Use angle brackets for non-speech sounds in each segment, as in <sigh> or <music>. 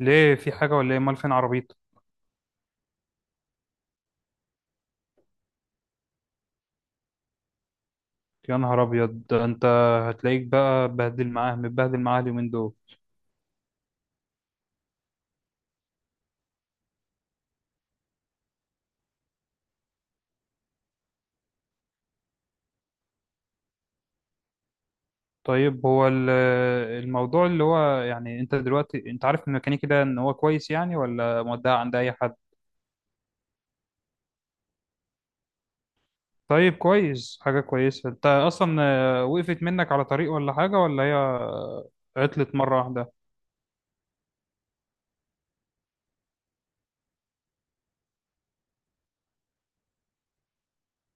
ليه؟ في حاجة ولا ايه؟ مال فين عربيتك؟ يا نهار ابيض، ده انت هتلاقيك بقى بهدل معاه متبهدل معاه اليومين دول. طيب، هو الموضوع اللي هو يعني انت دلوقتي، انت عارف الميكانيكي ده ان هو كويس يعني، ولا مودع عند اي حد؟ طيب كويس، حاجة كويسة. انت اصلا وقفت منك على طريق ولا حاجة؟ ولا هي عطلت مرة واحدة؟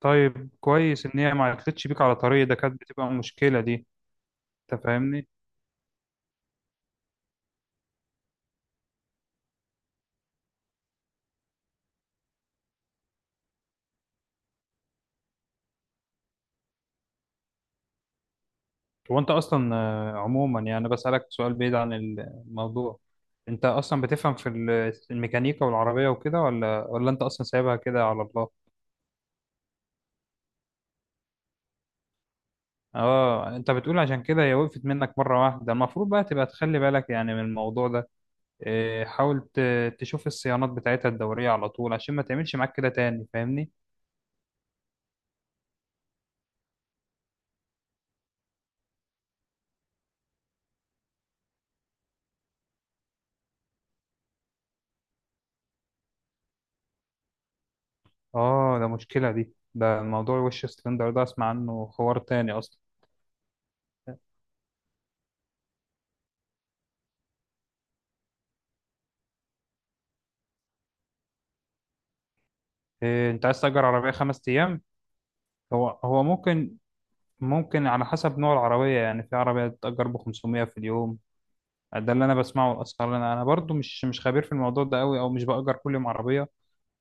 طيب كويس ان هي ما عطلتش بيك على طريق، ده كانت بتبقى مشكلة دي. انت فاهمني. هو انت اصلا عموما يعني بسألك سؤال بعيد عن الموضوع، انت اصلا بتفهم في الميكانيكا والعربية وكده، ولا انت اصلا سايبها كده على الله؟ اه، انت بتقول عشان كده هي وقفت منك مرة واحدة. المفروض بقى تبقى تخلي بالك يعني من الموضوع ده. حاول تشوف الصيانات بتاعتها الدورية على طول، عشان ما تعملش معاك كده تاني، فاهمني؟ اه، ده مشكلة دي. ده موضوع وش سلندر ده اسمع عنه حوار تاني اصلا. إيه، انت عايز تأجر عربية خمس ايام؟ هو هو ممكن، ممكن على حسب نوع العربية. يعني في عربية بتأجر ب 500 في اليوم. ده اللي أنا بسمعه الأسعار. أنا برضو مش خبير في الموضوع ده أوي، أو مش بأجر كل يوم عربية.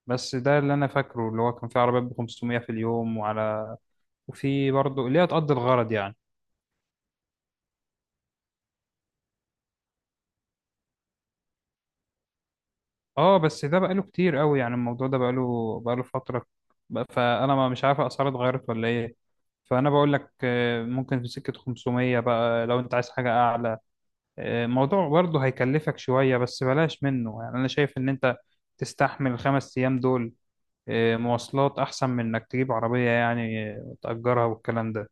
بس ده اللي أنا فاكره، اللي هو كان في عربيات ب 500 في اليوم، وعلى وفي برضو اللي هي تقضي الغرض يعني. أه، بس ده بقاله كتير أوي. يعني الموضوع ده بقاله فترة، فأنا ما مش عارف الأسعار اتغيرت ولا إيه. فأنا بقول لك ممكن في سكة 500، بقى لو أنت عايز حاجة أعلى موضوع برضه هيكلفك شوية، بس بلاش منه يعني. أنا شايف إن أنت تستحمل الخمس أيام دول مواصلات أحسن من إنك تجيب عربية، يعني تأجرها والكلام ده.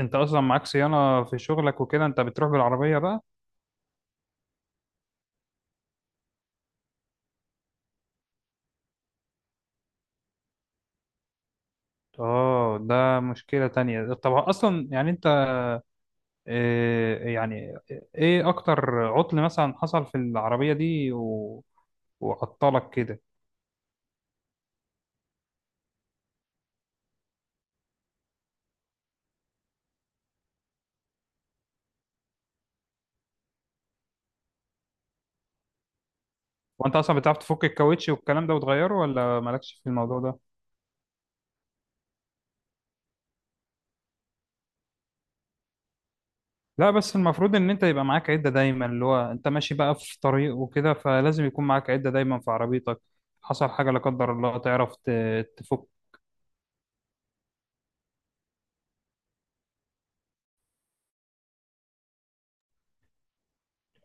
أنت أصلا معاك صيانة في شغلك وكده، أنت بتروح بالعربية بقى؟ آه، ده مشكلة تانية. طب أصلا يعني أنت آه، يعني إيه أكتر عطل مثلا حصل في العربية دي وعطلك كده؟ وأنت أصلا بتعرف تفك الكاوتش والكلام ده وتغيره، ولا مالكش في الموضوع ده؟ لا بس المفروض ان انت يبقى معاك عدة دايما، اللي هو انت ماشي بقى في طريق وكده، فلازم يكون معاك عدة دايما في عربيتك. حصل حاجة لا قدر الله، تعرف تفك.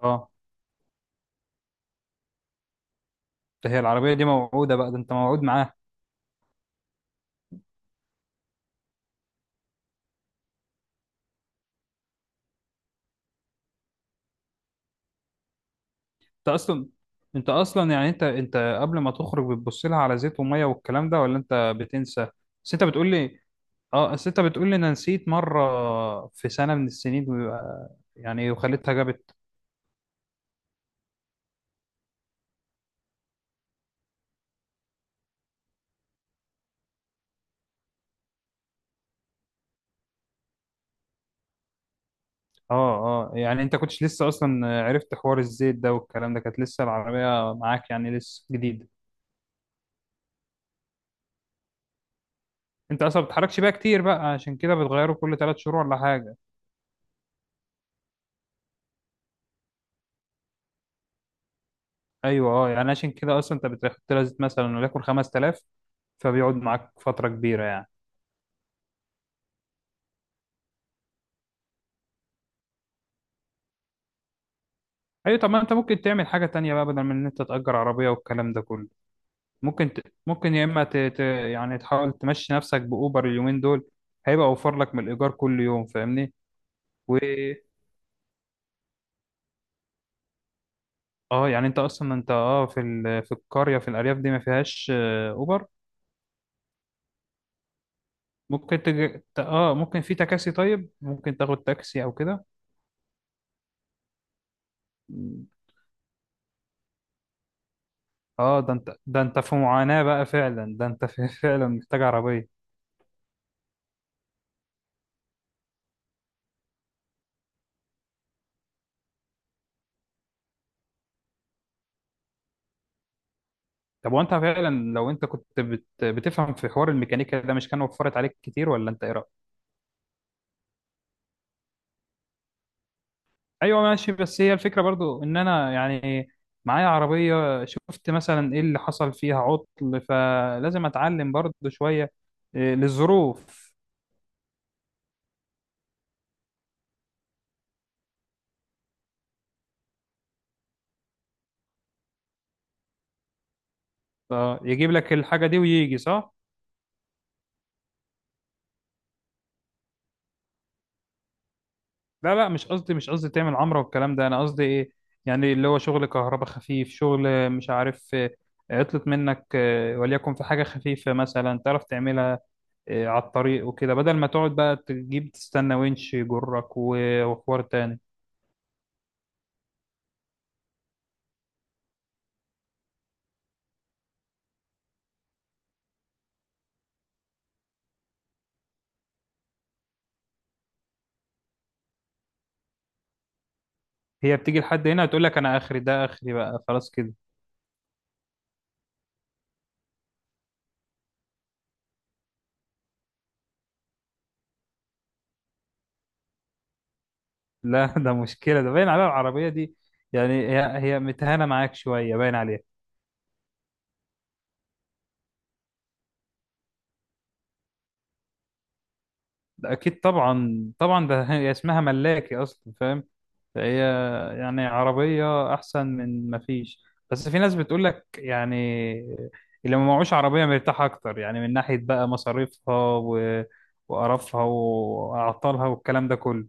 اه، ده هي العربية دي موعودة بقى، ده انت موعود معاها. انت اصلا انت اصلا يعني انت قبل ما تخرج بتبص لها على زيت ومية والكلام ده، ولا انت بتنسى؟ بس انت بتقول لي اه، بس انت بتقول لي انا نسيت مرة في سنة من السنين، ويبقى- يعني وخليتها جابت. اه اه، يعني انت كنتش لسه اصلا عرفت حوار الزيت ده والكلام ده، كانت لسه العربية معاك يعني لسه جديدة. انت اصلا ما بتتحركش بيها كتير بقى، عشان كده بتغيره كل ثلاث شهور ولا حاجة. ايوه، اه، يعني عشان كده اصلا انت بتحط لها زيت مثلا وليكن 5000، فبيقعد معاك فترة كبيرة يعني. ايوه، طب ما انت ممكن تعمل حاجة تانية بقى بدل من ان انت تأجر عربية والكلام ده كله. ممكن ت... ممكن يا اما يعني تحاول تمشي نفسك بأوبر اليومين دول، هيبقى اوفر لك من الإيجار كل يوم، فاهمني؟ و... اه، يعني انت اصلا انت اه في في القريه، في الارياف دي ما فيهاش اوبر. اه ممكن في تكاسي، طيب ممكن تاخد تاكسي او كده. اه، ده انت ده انت في معاناه بقى فعلا، ده انت في... <laughs> فعلا محتاج عربيه. طب وانت فعلا لو انت كنت بتفهم في حوار الميكانيكا ده، مش كان وفرت عليك كتير؟ ولا انت ايه رايك؟ ايوه ماشي، بس هي الفكره برضو ان انا يعني معايا عربيه، شفت مثلا ايه اللي حصل فيها عطل، فلازم اتعلم برضو شويه للظروف. اه، يجيب لك الحاجة دي ويجي، صح؟ لا لا، مش قصدي تعمل عمرة والكلام ده. أنا قصدي إيه، يعني اللي هو شغل كهرباء خفيف، شغل مش عارف عطلت منك وليكن في حاجة خفيفة مثلا، تعرف تعملها على الطريق وكده، بدل ما تقعد بقى تجيب تستنى winch يجرك وحوار تاني. هي بتيجي لحد هنا تقول لك أنا آخري، ده آخري بقى خلاص كده. لا <laughs> ده مشكلة، ده باين عليها العربية دي. يعني هي متهانة معاك شوية باين عليها. ده أكيد طبعا طبعا، ده <laughs> هي اسمها ملاكي أصلا، فاهم؟ فهي يعني عربية أحسن من ما فيش. بس في ناس بتقول لك يعني اللي ما معهوش عربية مرتاح أكتر، يعني من ناحية بقى مصاريفها وقرفها وأعطالها والكلام ده كله.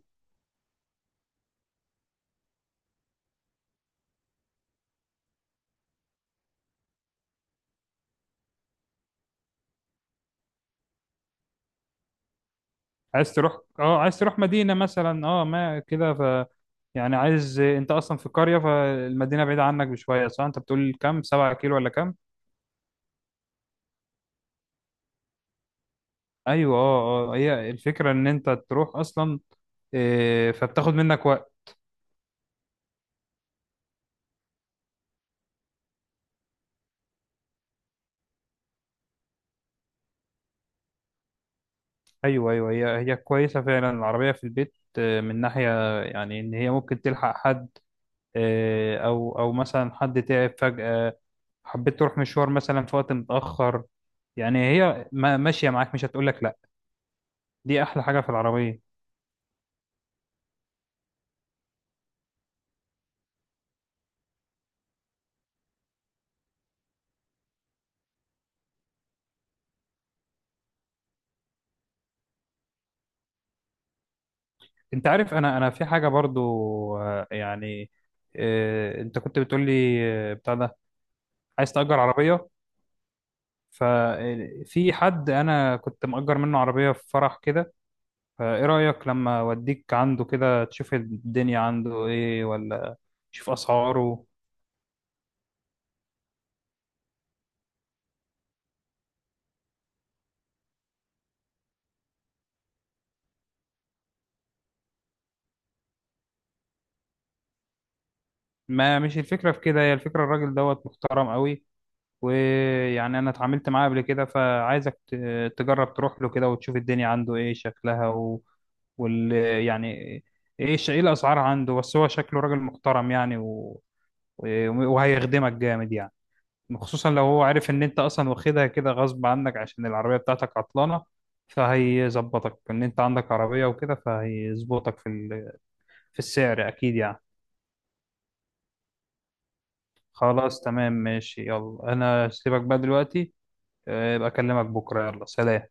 عايز تروح، اه عايز تروح مدينة مثلا، اه ما كده، ف يعني عايز انت اصلا في قرية، فالمدينة بعيدة عنك بشوية، صح؟ انت بتقول كام، سبعة كيلو ولا كام؟ ايوه، اه اه، هي الفكرة ان انت تروح اصلا إيه، فبتاخد منك وقت. ايوه ايوه، هي كويسه فعلا العربيه في البيت من ناحيه يعني ان هي ممكن تلحق حد او مثلا حد تعب فجاه، حبيت تروح مشوار مثلا في وقت متاخر، يعني هي ماشيه معاك مش هتقول لك لا. دي احلى حاجه في العربيه. انت عارف، انا في حاجه برضو آه، يعني انت كنت بتقول لي بتاع ده، عايز تأجر عربيه. ففي حد انا كنت مأجر منه عربيه في فرح كده، فايه رأيك لما اوديك عنده كده، تشوف الدنيا عنده ايه، ولا تشوف اسعاره. ما مش الفكرة في كده، هي الفكرة الراجل دوت محترم قوي، ويعني انا اتعاملت معاه قبل كده، فعايزك تجرب تروح له كده وتشوف الدنيا عنده ايه شكلها و... وال يعني ايه ايه الاسعار عنده، بس هو شكله راجل محترم يعني وهيخدمك جامد يعني. خصوصا لو هو عارف ان انت اصلا واخدها كده غصب عنك عشان العربية بتاعتك عطلانة، فهيظبطك ان انت عندك عربية وكده، فهيظبطك في في السعر اكيد يعني. خلاص تمام ماشي، يلا انا سيبك بقى دلوقتي. يبقى اكلمك بكرة، يلا سلام.